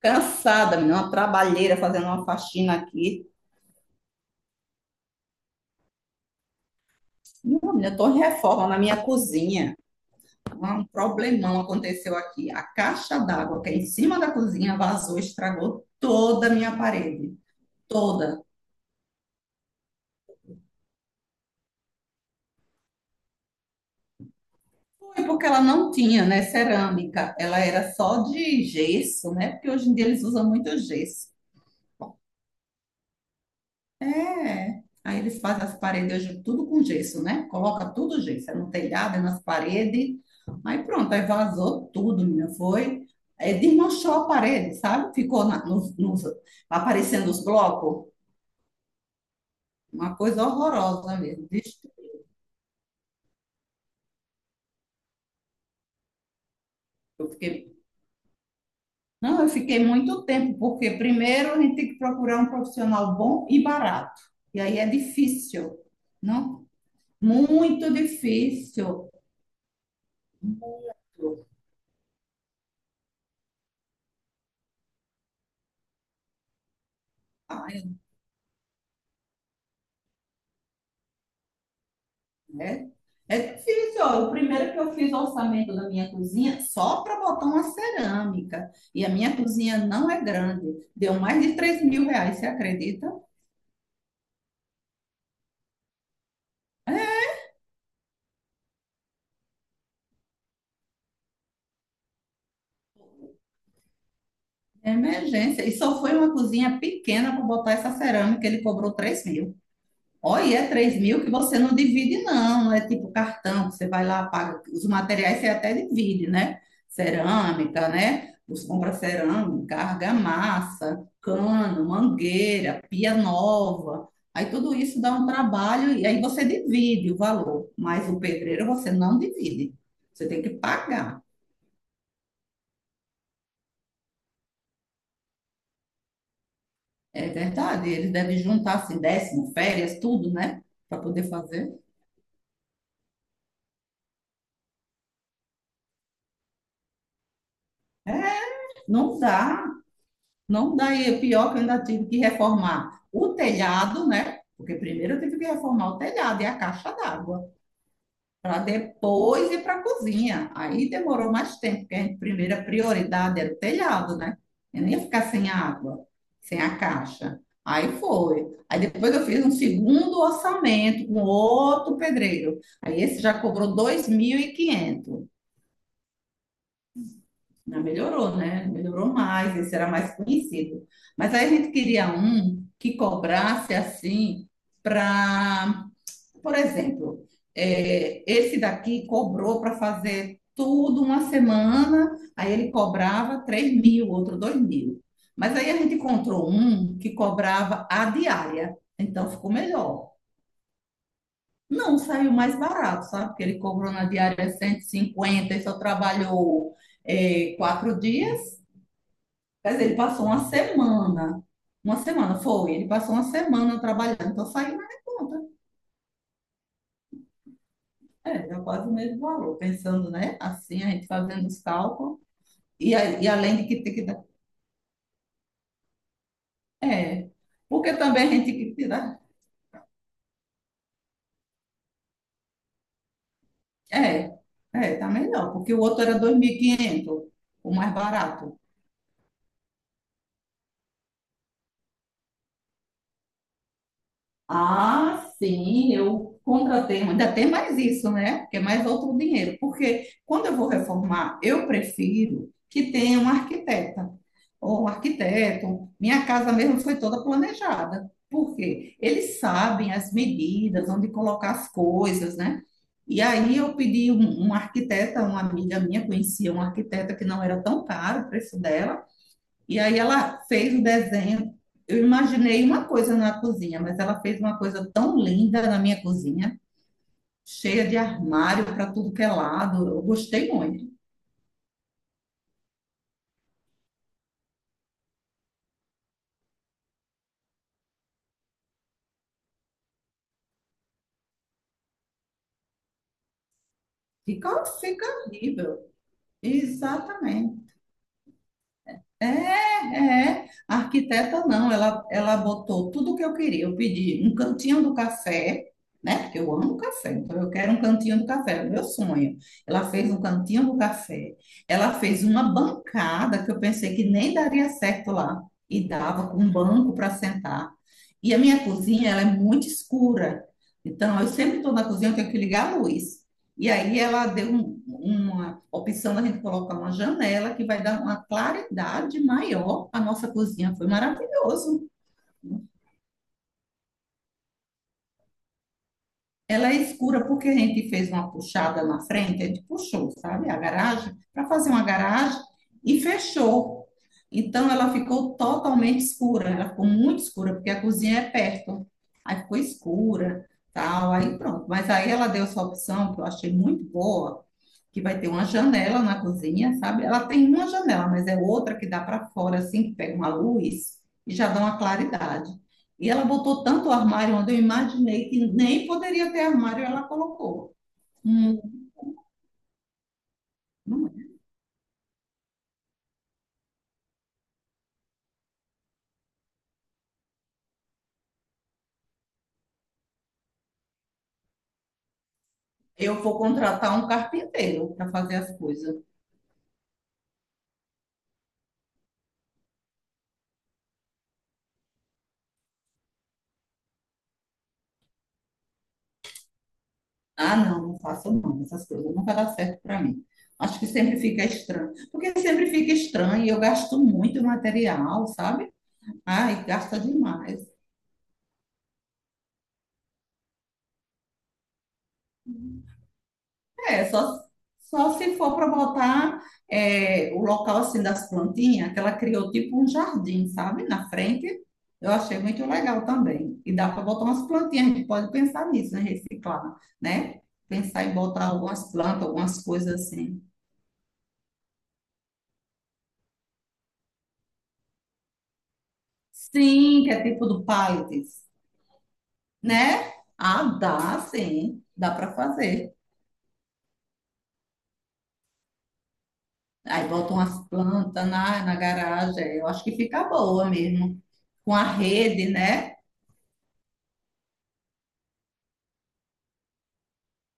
Cansada, menina, uma trabalheira fazendo uma faxina aqui. Não, menina, eu tô em reforma na minha cozinha. Um problemão aconteceu aqui. A caixa d'água que é em cima da cozinha vazou, estragou toda a minha parede. Toda. Foi porque ela não tinha, né, cerâmica. Ela era só de gesso, né? Porque hoje em dia eles usam muito gesso. É. Aí eles fazem as paredes hoje tudo com gesso, né? Coloca tudo gesso, é no telhado, é nas paredes. Aí pronto, aí vazou tudo, menina. Foi. É, desmanchou a parede, sabe? Ficou aparecendo os blocos. Uma coisa horrorosa mesmo. Vixe. Eu fiquei, não, eu fiquei muito tempo, porque primeiro a gente tem que procurar um profissional bom e barato. E aí é difícil, não? Muito difícil. Ai, né? É difícil, ó. O primeiro que eu fiz o orçamento da minha cozinha só para botar uma cerâmica. E a minha cozinha não é grande. Deu mais de R$ 3.000, você acredita? É. É emergência. E só foi uma cozinha pequena para botar essa cerâmica, ele cobrou 3 mil. Olha, é 3 mil que você não divide, não. Não é tipo cartão que você vai lá, paga. Os materiais você até divide, né? Cerâmica, né? Você compra cerâmica, argamassa, cano, mangueira, pia nova. Aí tudo isso dá um trabalho e aí você divide o valor. Mas o pedreiro você não divide. Você tem que pagar. É verdade. Eles devem juntar assim, décimo, férias, tudo, né? Para poder fazer. É, não dá. Não, daí é pior que eu ainda tive que reformar o telhado, né? Porque primeiro eu tive que reformar o telhado e a caixa d'água, para depois ir para a cozinha. Aí demorou mais tempo, porque a primeira prioridade era o telhado, né? Eu não ia ficar sem a água, sem a caixa. Aí foi. Aí depois eu fiz um segundo orçamento com outro pedreiro. Aí esse já cobrou 2.500. Ah, melhorou, né? Melhorou mais, esse era mais conhecido. Mas aí a gente queria um que cobrasse assim para, por exemplo, esse daqui cobrou para fazer tudo uma semana, aí ele cobrava 3 mil, outro 2 mil. Mas aí a gente encontrou um que cobrava a diária, então ficou melhor. Não, saiu mais barato, sabe? Porque ele cobrou na diária 150 e cinquenta e só trabalhou 4 dias. Mas ele passou uma semana. Uma semana, foi. Ele passou uma semana trabalhando. Então saiu mais em conta. É, deu quase o mesmo valor. Pensando, né? Assim, a gente fazendo os cálculos. E, além de que tem que dar. É. Porque também a gente tem que dar. É. É, tá melhor. Porque o outro era 2.500, o mais barato. Ah, sim, eu contratei, ainda tem mais isso, né? Porque é mais outro dinheiro. Porque quando eu vou reformar, eu prefiro que tenha uma arquiteta ou um arquiteto. Minha casa mesmo foi toda planejada. Por quê? Eles sabem as medidas, onde colocar as coisas, né? E aí eu pedi um arquiteta, uma amiga minha conhecia um arquiteta que não era tão caro o preço dela. E aí ela fez o desenho. Eu imaginei uma coisa na cozinha, mas ela fez uma coisa tão linda na minha cozinha, cheia de armário para tudo que é lado. Eu gostei muito. Fica, fica horrível. Exatamente. É, é. A arquiteta não, ela botou tudo o que eu queria. Eu pedi um cantinho do café, né? Porque eu amo café, então eu quero um cantinho do café, é o meu sonho. Ela fez um cantinho do café. Ela fez uma bancada que eu pensei que nem daria certo lá. E dava com um banco para sentar. E a minha cozinha, ela é muito escura. Então, eu sempre estou na cozinha, eu tenho que ligar a luz. E aí ela deu uma opção da gente colocar uma janela que vai dar uma claridade maior à nossa cozinha. Foi maravilhoso. Ela é escura porque a gente fez uma puxada na frente, a gente puxou, sabe, a garagem, para fazer uma garagem e fechou. Então ela ficou totalmente escura, ela ficou muito escura porque a cozinha é perto. Aí ficou escura, tal, aí pronto. Mas aí ela deu essa opção que eu achei muito boa que vai ter uma janela na cozinha, sabe? Ela tem uma janela, mas é outra que dá para fora, assim, que pega uma luz e já dá uma claridade. E ela botou tanto armário onde eu imaginei que nem poderia ter armário, ela colocou. Hum, não é. Eu vou contratar um carpinteiro para fazer as coisas. Ah, não, não faço não, essas coisas não vai dar certo para mim. Acho que sempre fica estranho, porque sempre fica estranho e eu gasto muito material, sabe? Ai, gasta demais. É, só se for para botar o local assim das plantinhas, que ela criou tipo um jardim, sabe? Na frente. Eu achei muito legal também. E dá para botar umas plantinhas, a gente pode pensar nisso, né? Reciclar, né? Pensar em botar algumas plantas, algumas coisas assim. Sim, que é tipo do pallets, né? Ah, dá, sim. Dá para fazer. Aí botam umas plantas na, na garagem. Eu acho que fica boa mesmo. Com a rede, né?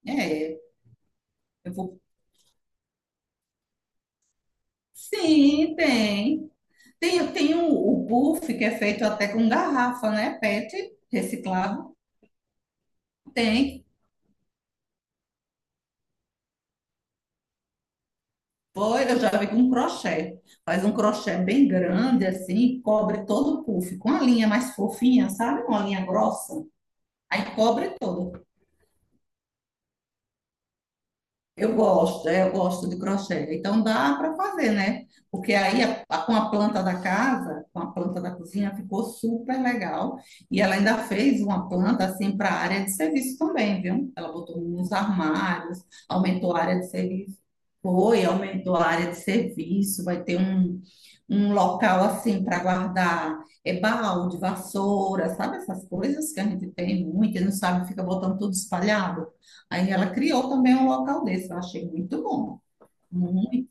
É. Eu vou... Sim, tem. Tem o buff que é feito até com garrafa, né? PET reciclável. Tem. Foi, eu já vi com um crochê. Faz um crochê bem grande, assim, cobre todo o puff, com a linha mais fofinha, sabe? Uma linha grossa. Aí cobre todo. Eu gosto, é, eu gosto de crochê. Então dá para fazer, né? Porque aí com a planta da casa, com a planta da cozinha, ficou super legal. E ela ainda fez uma planta assim para a área de serviço também, viu? Ela botou uns armários, aumentou a área de serviço. Foi, aumentou a área de serviço. Vai ter um local assim para guardar balde, vassoura, sabe essas coisas que a gente tem muito e não sabe, fica botando tudo espalhado. Aí ela criou também um local desse, eu achei muito bom. Muito.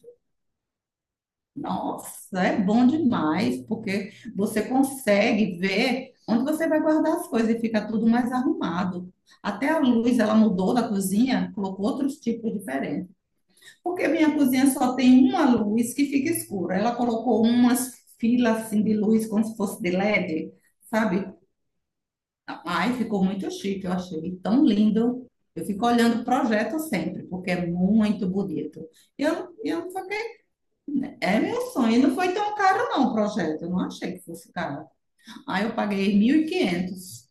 Nossa, é bom demais, porque você consegue ver onde você vai guardar as coisas e fica tudo mais arrumado. Até a luz, ela mudou da cozinha, colocou outros tipos diferentes. Porque minha cozinha só tem uma luz que fica escura. Ela colocou umas filas assim de luz, como se fosse de LED, sabe? Ai, ficou muito chique, eu achei tão lindo. Eu fico olhando o projeto sempre, porque é muito bonito. Eu fiquei, é meu sonho. E não foi tão caro, não, o projeto. Eu não achei que fosse caro. Aí eu paguei 1.500.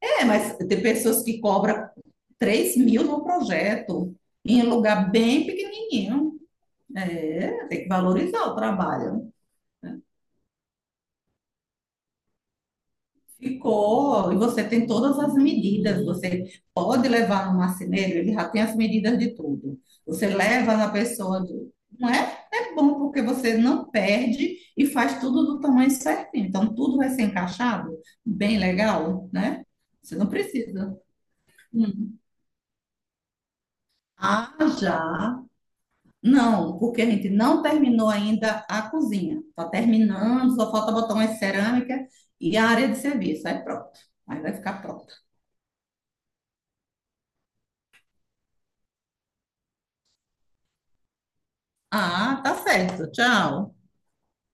É, mas tem pessoas que cobram 3 mil no projeto, em um lugar bem pequenininho. É, tem que valorizar o trabalho, né? Ficou, e você tem todas as medidas. Você pode levar no marceneiro, ele já tem as medidas de tudo. Você leva na pessoa, não é? É bom porque você não perde e faz tudo do tamanho certinho. Então, tudo vai ser encaixado, bem legal, né? Você não precisa. Ah, já. Não, porque a gente não terminou ainda a cozinha. Está terminando, só falta botar umas cerâmica e a área de serviço. Aí pronto. Aí vai ficar pronto. Ah, tá certo. Tchau.